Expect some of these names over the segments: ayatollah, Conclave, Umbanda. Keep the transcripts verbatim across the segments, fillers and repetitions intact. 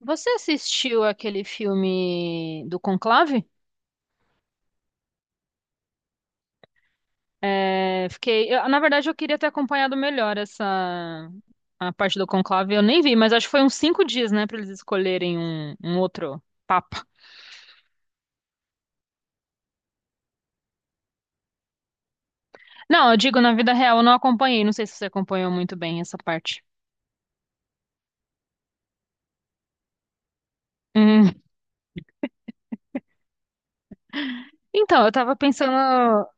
Você assistiu aquele filme do Conclave? É, fiquei, eu- na verdade, eu queria ter acompanhado melhor essa a parte do Conclave. Eu nem vi, mas acho que foi uns cinco dias, né, para eles escolherem um, um outro papa. Não, eu digo na vida real, eu não acompanhei. Não sei se você acompanhou muito bem essa parte. Hum. Então, eu tava pensando,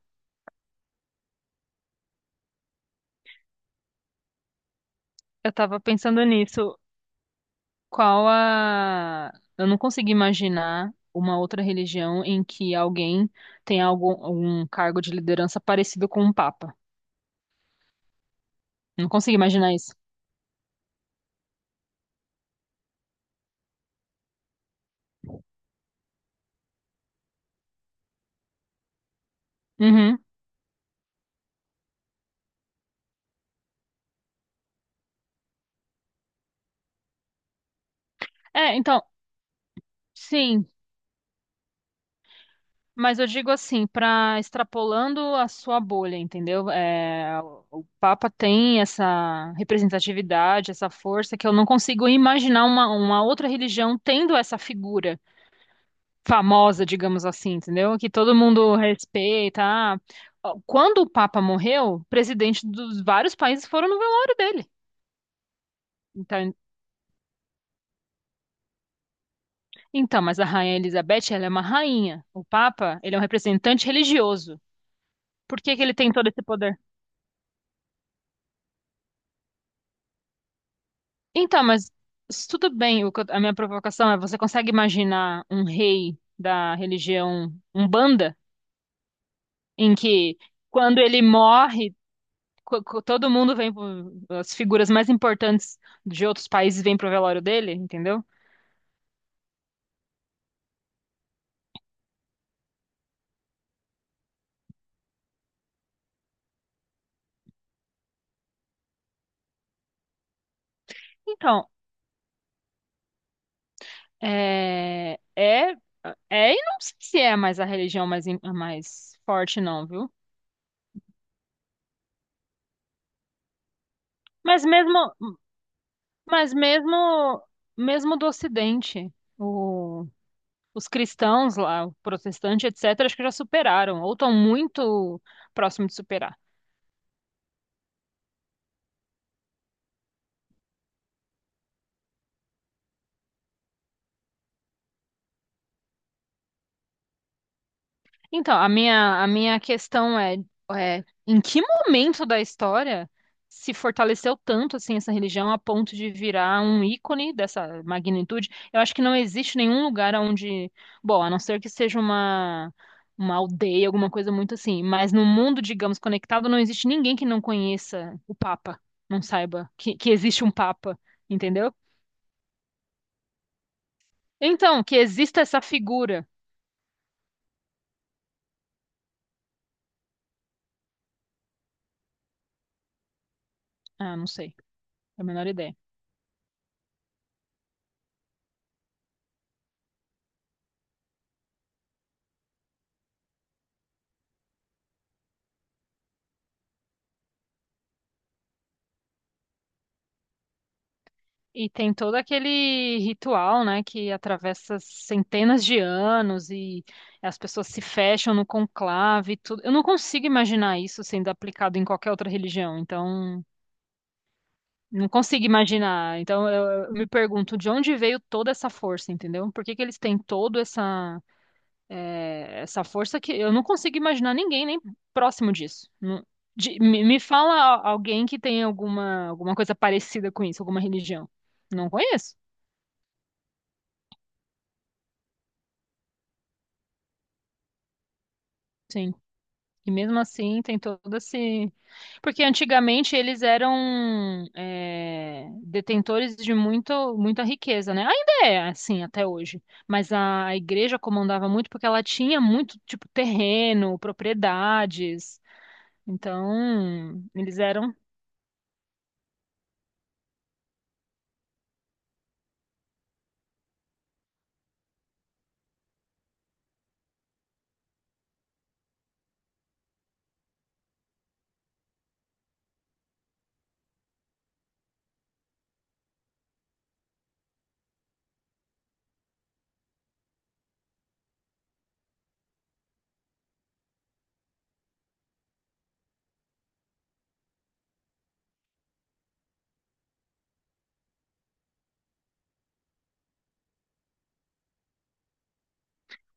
eu tava pensando nisso. Qual a? Eu não consigo imaginar uma outra religião em que alguém tem algum, algum cargo de liderança parecido com um papa. Não consigo imaginar isso. Uhum. É, então, sim, mas eu digo assim, para extrapolando a sua bolha, entendeu? É, o o Papa tem essa representatividade, essa força que eu não consigo imaginar uma, uma outra religião tendo essa figura famosa, digamos assim, entendeu? Que todo mundo respeita. Ah, quando o Papa morreu, presidente dos vários países foram no velório dele. Então, então, mas a Rainha Elizabeth, ela é uma rainha. O Papa, ele é um representante religioso. Por que que ele tem todo esse poder? Então, mas s- tudo bem, o que eu- a minha provocação é, você consegue imaginar um rei da religião Umbanda, em que quando ele morre, co- co- todo mundo vem, pro- as figuras mais importantes de outros países vêm pro velório dele, entendeu? Então, é, é, é e não sei se é mais a religião mais, im- mais forte, não, viu? Mas mesmo, mas mesmo, mesmo do Ocidente, o os cristãos lá, o protestante, etcétera, acho que já superaram, ou estão muito próximo de superar. Então, a minha, a minha questão é, é, em que momento da história se fortaleceu tanto assim essa religião a ponto de virar um ícone dessa magnitude? Eu acho que não existe nenhum lugar onde, bom, a não ser que seja uma uma aldeia, alguma coisa muito assim, mas no mundo, digamos, conectado, não existe ninguém que não conheça o Papa, não saiba que, que existe um Papa. Entendeu? Então, que exista essa figura. Ah, não sei, é a menor ideia. E tem todo aquele ritual, né, que atravessa centenas de anos e as pessoas se fecham no conclave e tudo. Eu não consigo imaginar isso sendo aplicado em qualquer outra religião, então não consigo imaginar. Então eu, eu me pergunto de onde veio toda essa força, entendeu? Por que que eles têm todo essa Essa força que eu não consigo imaginar ninguém nem próximo disso. Não- de- me, me fala a- alguém que tem alguma, alguma coisa parecida com isso, alguma religião. Não conheço. Sim. E mesmo assim tem todo esse. Porque antigamente eles eram é, detentores de muito, muita riqueza, né? Ainda é assim até hoje. Mas a a igreja comandava muito porque ela tinha muito, tipo, terreno, propriedades. Então, eles eram.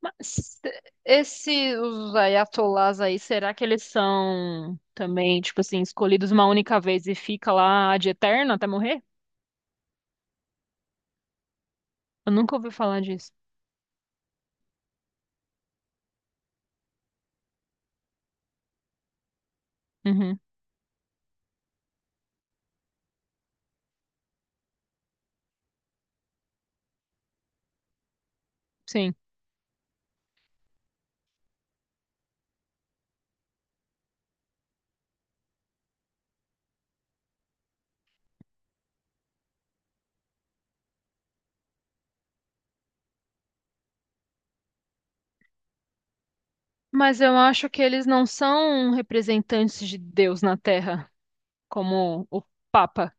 Mas esses os ayatollahs aí, será que eles são também, tipo assim, escolhidos uma única vez e fica lá de eterno até morrer? Eu nunca ouvi falar disso. Uhum, sim. Mas eu acho que eles não são representantes de Deus na Terra, como o Papa.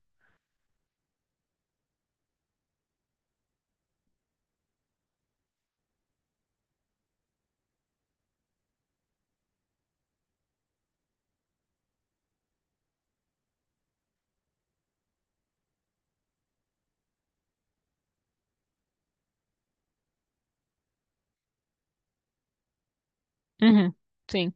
Uhum, sim.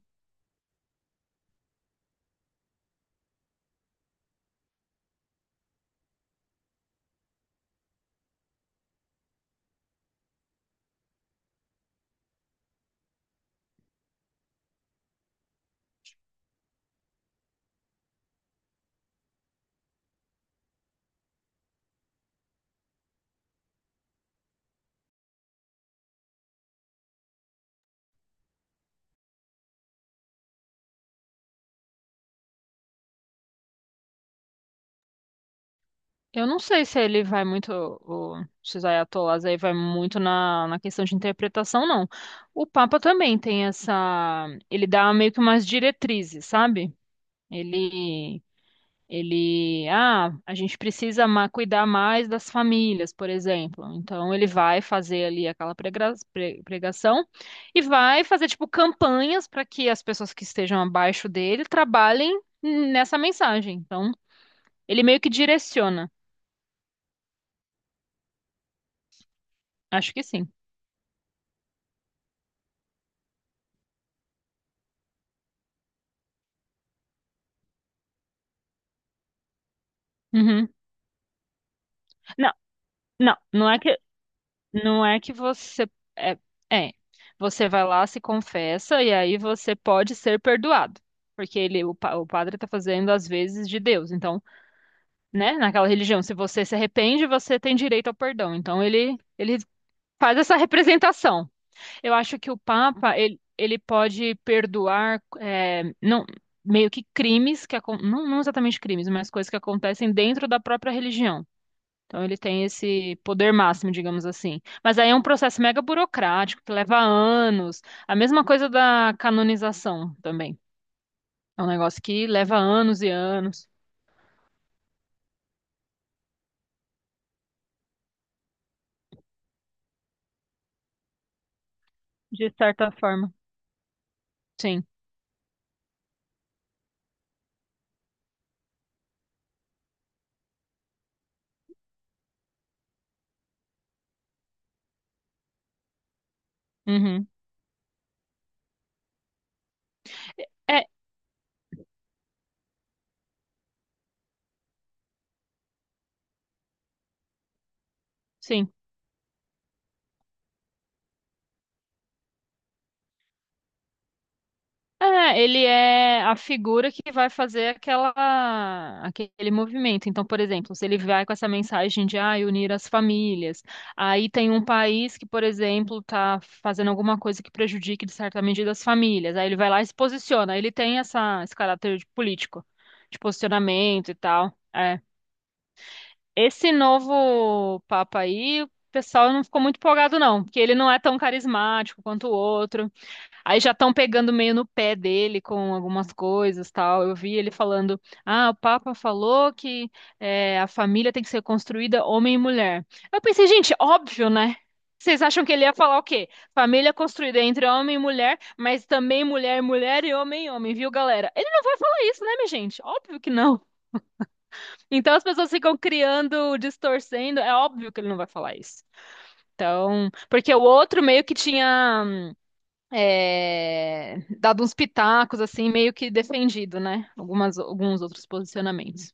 Eu não sei se ele vai muito, o, esses ayatollahs aí vai muito na, na questão de interpretação, não. O Papa também tem essa, ele dá meio que umas diretrizes, sabe? Ele, ele, ah, a gente precisa ma- cuidar mais das famílias, por exemplo. Então ele vai fazer ali aquela prega- pre- pregação e vai fazer tipo campanhas para que as pessoas que estejam abaixo dele trabalhem nessa mensagem. Então ele meio que direciona. Acho que sim. Uhum. Não, não, não é que Não é que você é, é, você vai lá, se confessa e aí você pode ser perdoado. Porque ele, o, pa- o padre está fazendo às vezes de Deus. Então, né, naquela religião, se você se arrepende, você tem direito ao perdão. Então, ele ele faz essa representação. Eu acho que o Papa, ele, ele pode perdoar é, não meio que crimes que acon- não, não exatamente crimes, mas coisas que acontecem dentro da própria religião. Então ele tem esse poder máximo, digamos assim. Mas aí é um processo mega burocrático que leva anos. A mesma coisa da canonização também. É um negócio que leva anos e anos, de certa forma. Sim. Uhum. É, sim. É, ele é a figura que vai fazer aquela, aquele movimento. Então, por exemplo, se ele vai com essa mensagem de ah, unir as famílias, aí tem um país que, por exemplo, está fazendo alguma coisa que prejudique, de certa medida, as famílias. Aí ele vai lá e se posiciona. Ele tem essa, esse caráter de político, de posicionamento e tal. É. Esse novo Papa aí, o pessoal não ficou muito empolgado, não, porque ele não é tão carismático quanto o outro. Aí já estão pegando meio no pé dele com algumas coisas, tal. Eu vi ele falando: "Ah, o Papa falou que é, a família tem que ser construída homem e mulher". Eu pensei, gente, óbvio, né? Vocês acham que ele ia falar o quê? Família construída entre homem e mulher, mas também mulher e mulher e homem e homem, viu, galera? Ele não vai falar isso, né, minha gente? Óbvio que não. Então as pessoas ficam criando, distorcendo. É óbvio que ele não vai falar isso. Então, porque o outro meio que tinha é, dado uns pitacos, assim, meio que defendido, né? Algumas, alguns outros posicionamentos.